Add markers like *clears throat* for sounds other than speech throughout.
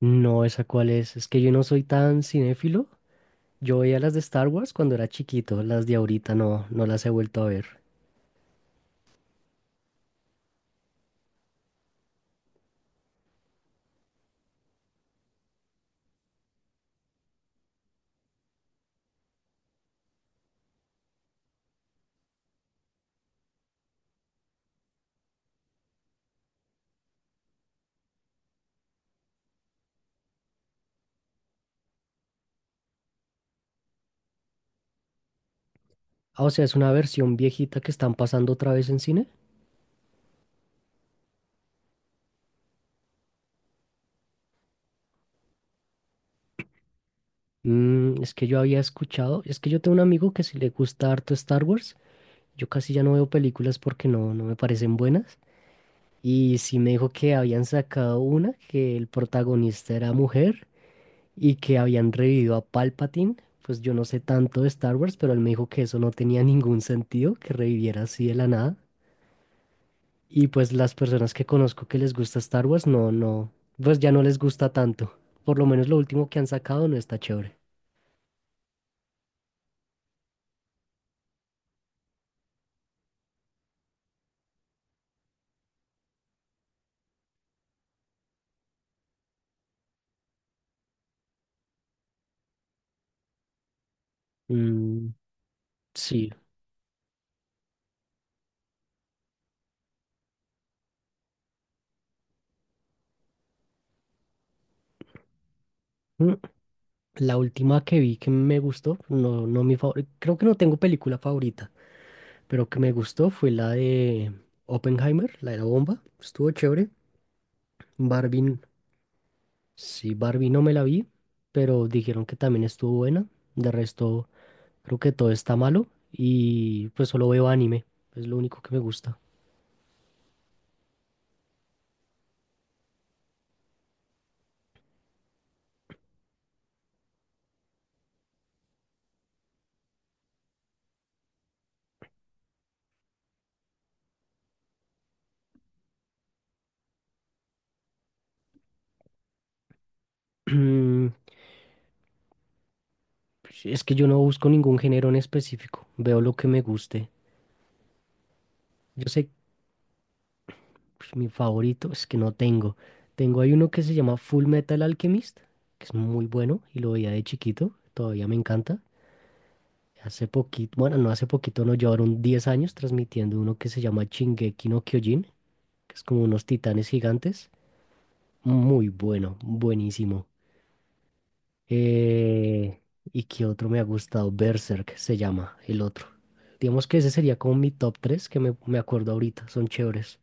No, esa cuál es. Es que yo no soy tan cinéfilo. Yo veía las de Star Wars cuando era chiquito, las de ahorita no, no las he vuelto a ver. Ah, o sea, es una versión viejita que están pasando otra vez en cine. Es que yo había escuchado, es que yo tengo un amigo que si le gusta harto Star Wars, yo casi ya no veo películas porque no, no me parecen buenas. Y sí me dijo que habían sacado una que el protagonista era mujer y que habían revivido a Palpatine. Pues yo no sé tanto de Star Wars, pero él me dijo que eso no tenía ningún sentido, que reviviera así de la nada. Y pues las personas que conozco que les gusta Star Wars, no, no, pues ya no les gusta tanto. Por lo menos lo último que han sacado no está chévere. Mm, sí. Mm, la última que vi que me gustó, no, no mi favorita, creo que no tengo película favorita, pero que me gustó fue la de Oppenheimer, la de la bomba. Estuvo chévere. Barbie. Sí, Barbie no me la vi, pero dijeron que también estuvo buena. De resto, creo que todo está malo y pues solo veo anime. Es lo único que me gusta. *clears throat* Mm, es que yo no busco ningún género en específico. Veo lo que me guste. Yo sé, pues, mi favorito es que no tengo. Hay uno que se llama Full Metal Alchemist, que es muy bueno y lo veía de chiquito. Todavía me encanta. Hace poquito, bueno, no hace poquito, no llevaron 10 años transmitiendo uno que se llama Shingeki no Kyojin, que es como unos titanes gigantes. Muy bueno, buenísimo. Eh, ¿Y qué otro me ha gustado? Berserk se llama, el otro. Digamos que ese sería como mi top 3 que me acuerdo ahorita, son chéveres.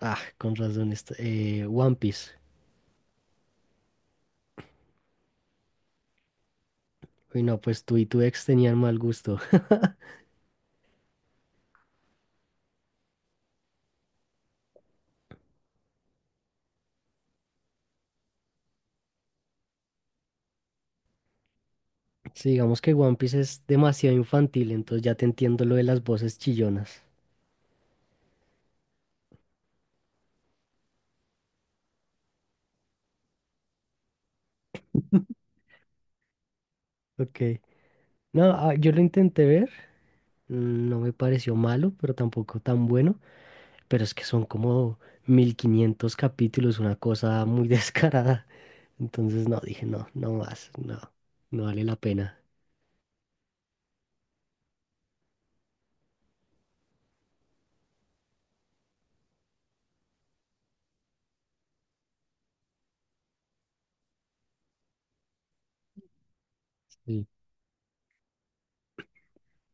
Ah, con razón, One Piece. Uy, no, pues tú y tu ex tenían mal gusto. *laughs* Sí, digamos que One Piece es demasiado infantil, entonces ya te entiendo lo de las voces chillonas. Ok. No, ah, yo lo intenté ver, no me pareció malo, pero tampoco tan bueno, pero es que son como 1500 capítulos, una cosa muy *laughs* descarada. Entonces, no, dije, no, no más, no, no vale la pena. Sí,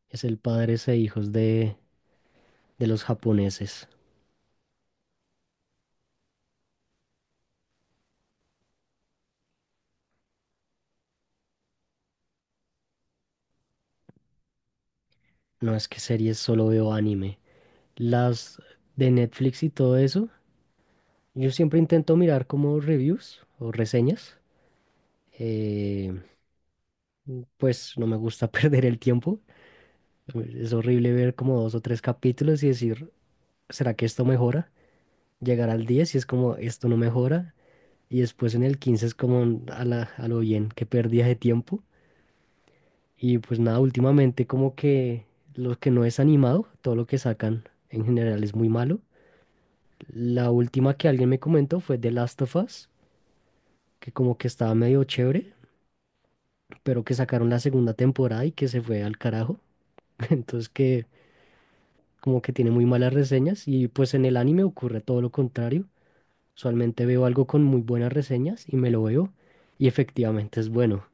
es el Padres e Hijos de los japoneses. No es que series solo veo anime. Las de Netflix y todo eso, yo siempre intento mirar como reviews o reseñas. Eh, pues no me gusta *laughs* perder el tiempo. Es horrible ver como dos o tres capítulos y decir, ¿será que esto mejora? Llegar al 10 y es como, esto no mejora. Y después en el 15 es como a la, a lo bien, qué pérdida de tiempo. Y pues nada, últimamente como que lo que no es animado, todo lo que sacan en general es muy malo. La última que alguien me comentó fue The Last of Us, que como que estaba medio chévere, pero que sacaron la segunda temporada y que se fue al carajo. *laughs* Entonces que como que tiene muy malas reseñas y pues en el anime ocurre todo lo contrario. Usualmente veo algo con muy buenas reseñas y me lo veo y efectivamente es bueno.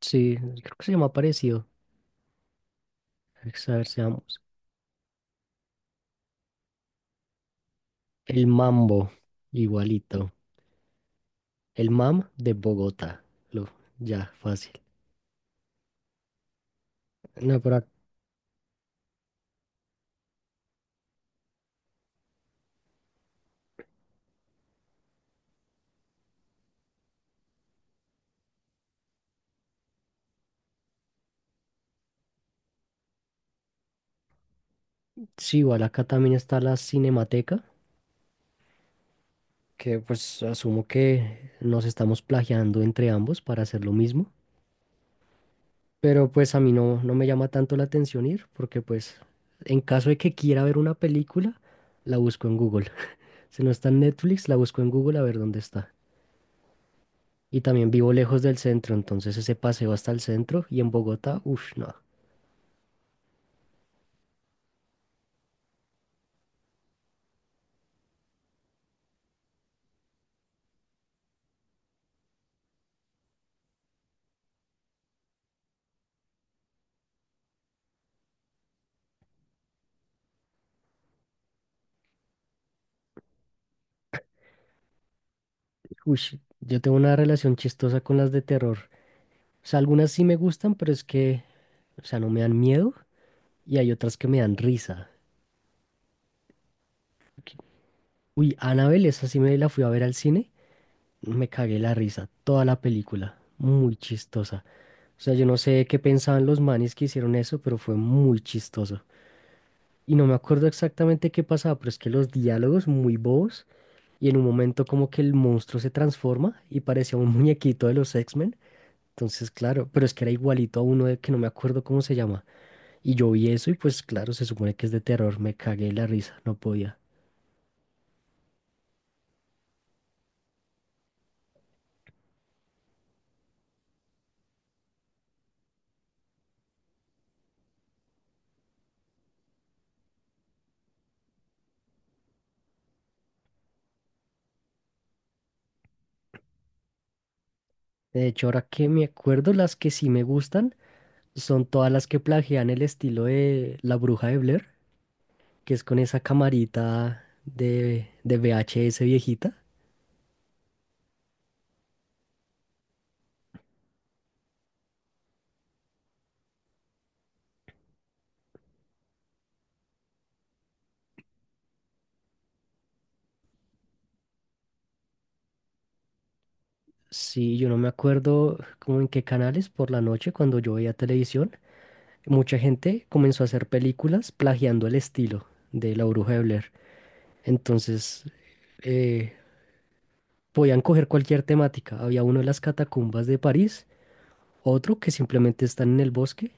Sí, creo que se llama parecido. A ver, seamos. El Mambo, igualito. El Mam de Bogotá. Lo, ya, fácil. No, pero ac- sí, igual acá también está la Cinemateca, que pues asumo que nos estamos plagiando entre ambos para hacer lo mismo. Pero pues a mí no, no me llama tanto la atención ir, porque pues en caso de que quiera ver una película, la busco en Google. Si no está en Netflix, la busco en Google a ver dónde está. Y también vivo lejos del centro, entonces ese paseo hasta el centro y en Bogotá, uff, no. Ush, yo tengo una relación chistosa con las de terror. O sea, algunas sí me gustan, pero es que, o sea, no me dan miedo y hay otras que me dan risa. Que- Uy, Annabelle, esa sí me la fui a ver al cine, me cagué la risa, toda la película, muy chistosa. O sea, yo no sé qué pensaban los manes que hicieron eso, pero fue muy chistoso. Y no me acuerdo exactamente qué pasaba, pero es que los diálogos muy bobos y en un momento como que el monstruo se transforma y parecía un *laughs* muñequito de los X-Men. Entonces, claro, pero es que era igualito a uno de que no me acuerdo cómo se llama. Y yo vi eso y pues claro, se supone que es de terror, me cagué de la risa, no podía. De hecho, ahora que me acuerdo, las que sí me gustan son todas las que plagian el estilo de La Bruja de Blair, que es con esa camarita de VHS viejita. Sí, yo no me acuerdo como en qué canales por la noche cuando yo veía televisión, mucha gente comenzó a hacer películas plagiando el estilo de La Bruja de Blair. Entonces, eh, podían coger cualquier temática. Había uno de las catacumbas de París, otro que simplemente están en el bosque,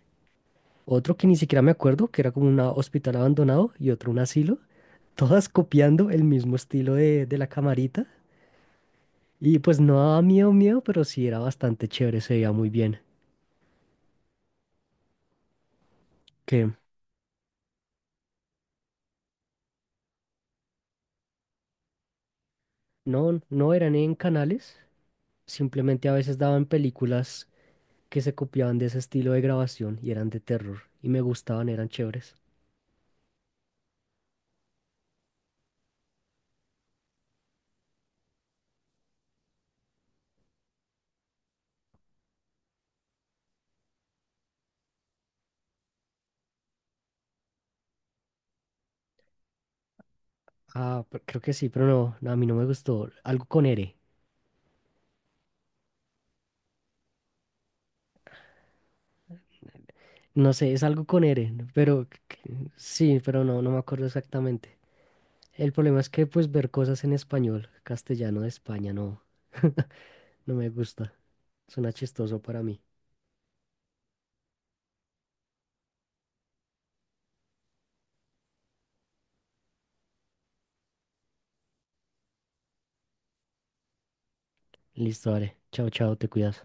otro que ni siquiera me acuerdo, que era como un hospital abandonado y otro un asilo. *laughs* Todas copiando el mismo estilo de la camarita. Y pues no daba miedo, miedo, pero sí era bastante chévere, se veía muy bien. Que no, no eran en canales, simplemente a veces daban películas que se copiaban de ese estilo de grabación y eran de terror y me gustaban, eran chéveres. Ah, pero creo que sí, pero no, no, a mí no me gustó. Algo con R. No sé, es algo con R, ¿no? Pero sí, pero no, no me acuerdo exactamente. El problema es que pues ver cosas en español, castellano de España, no, *laughs* no me gusta. Suena chistoso para mí. Listo, vale. Chao, chao, te cuidas.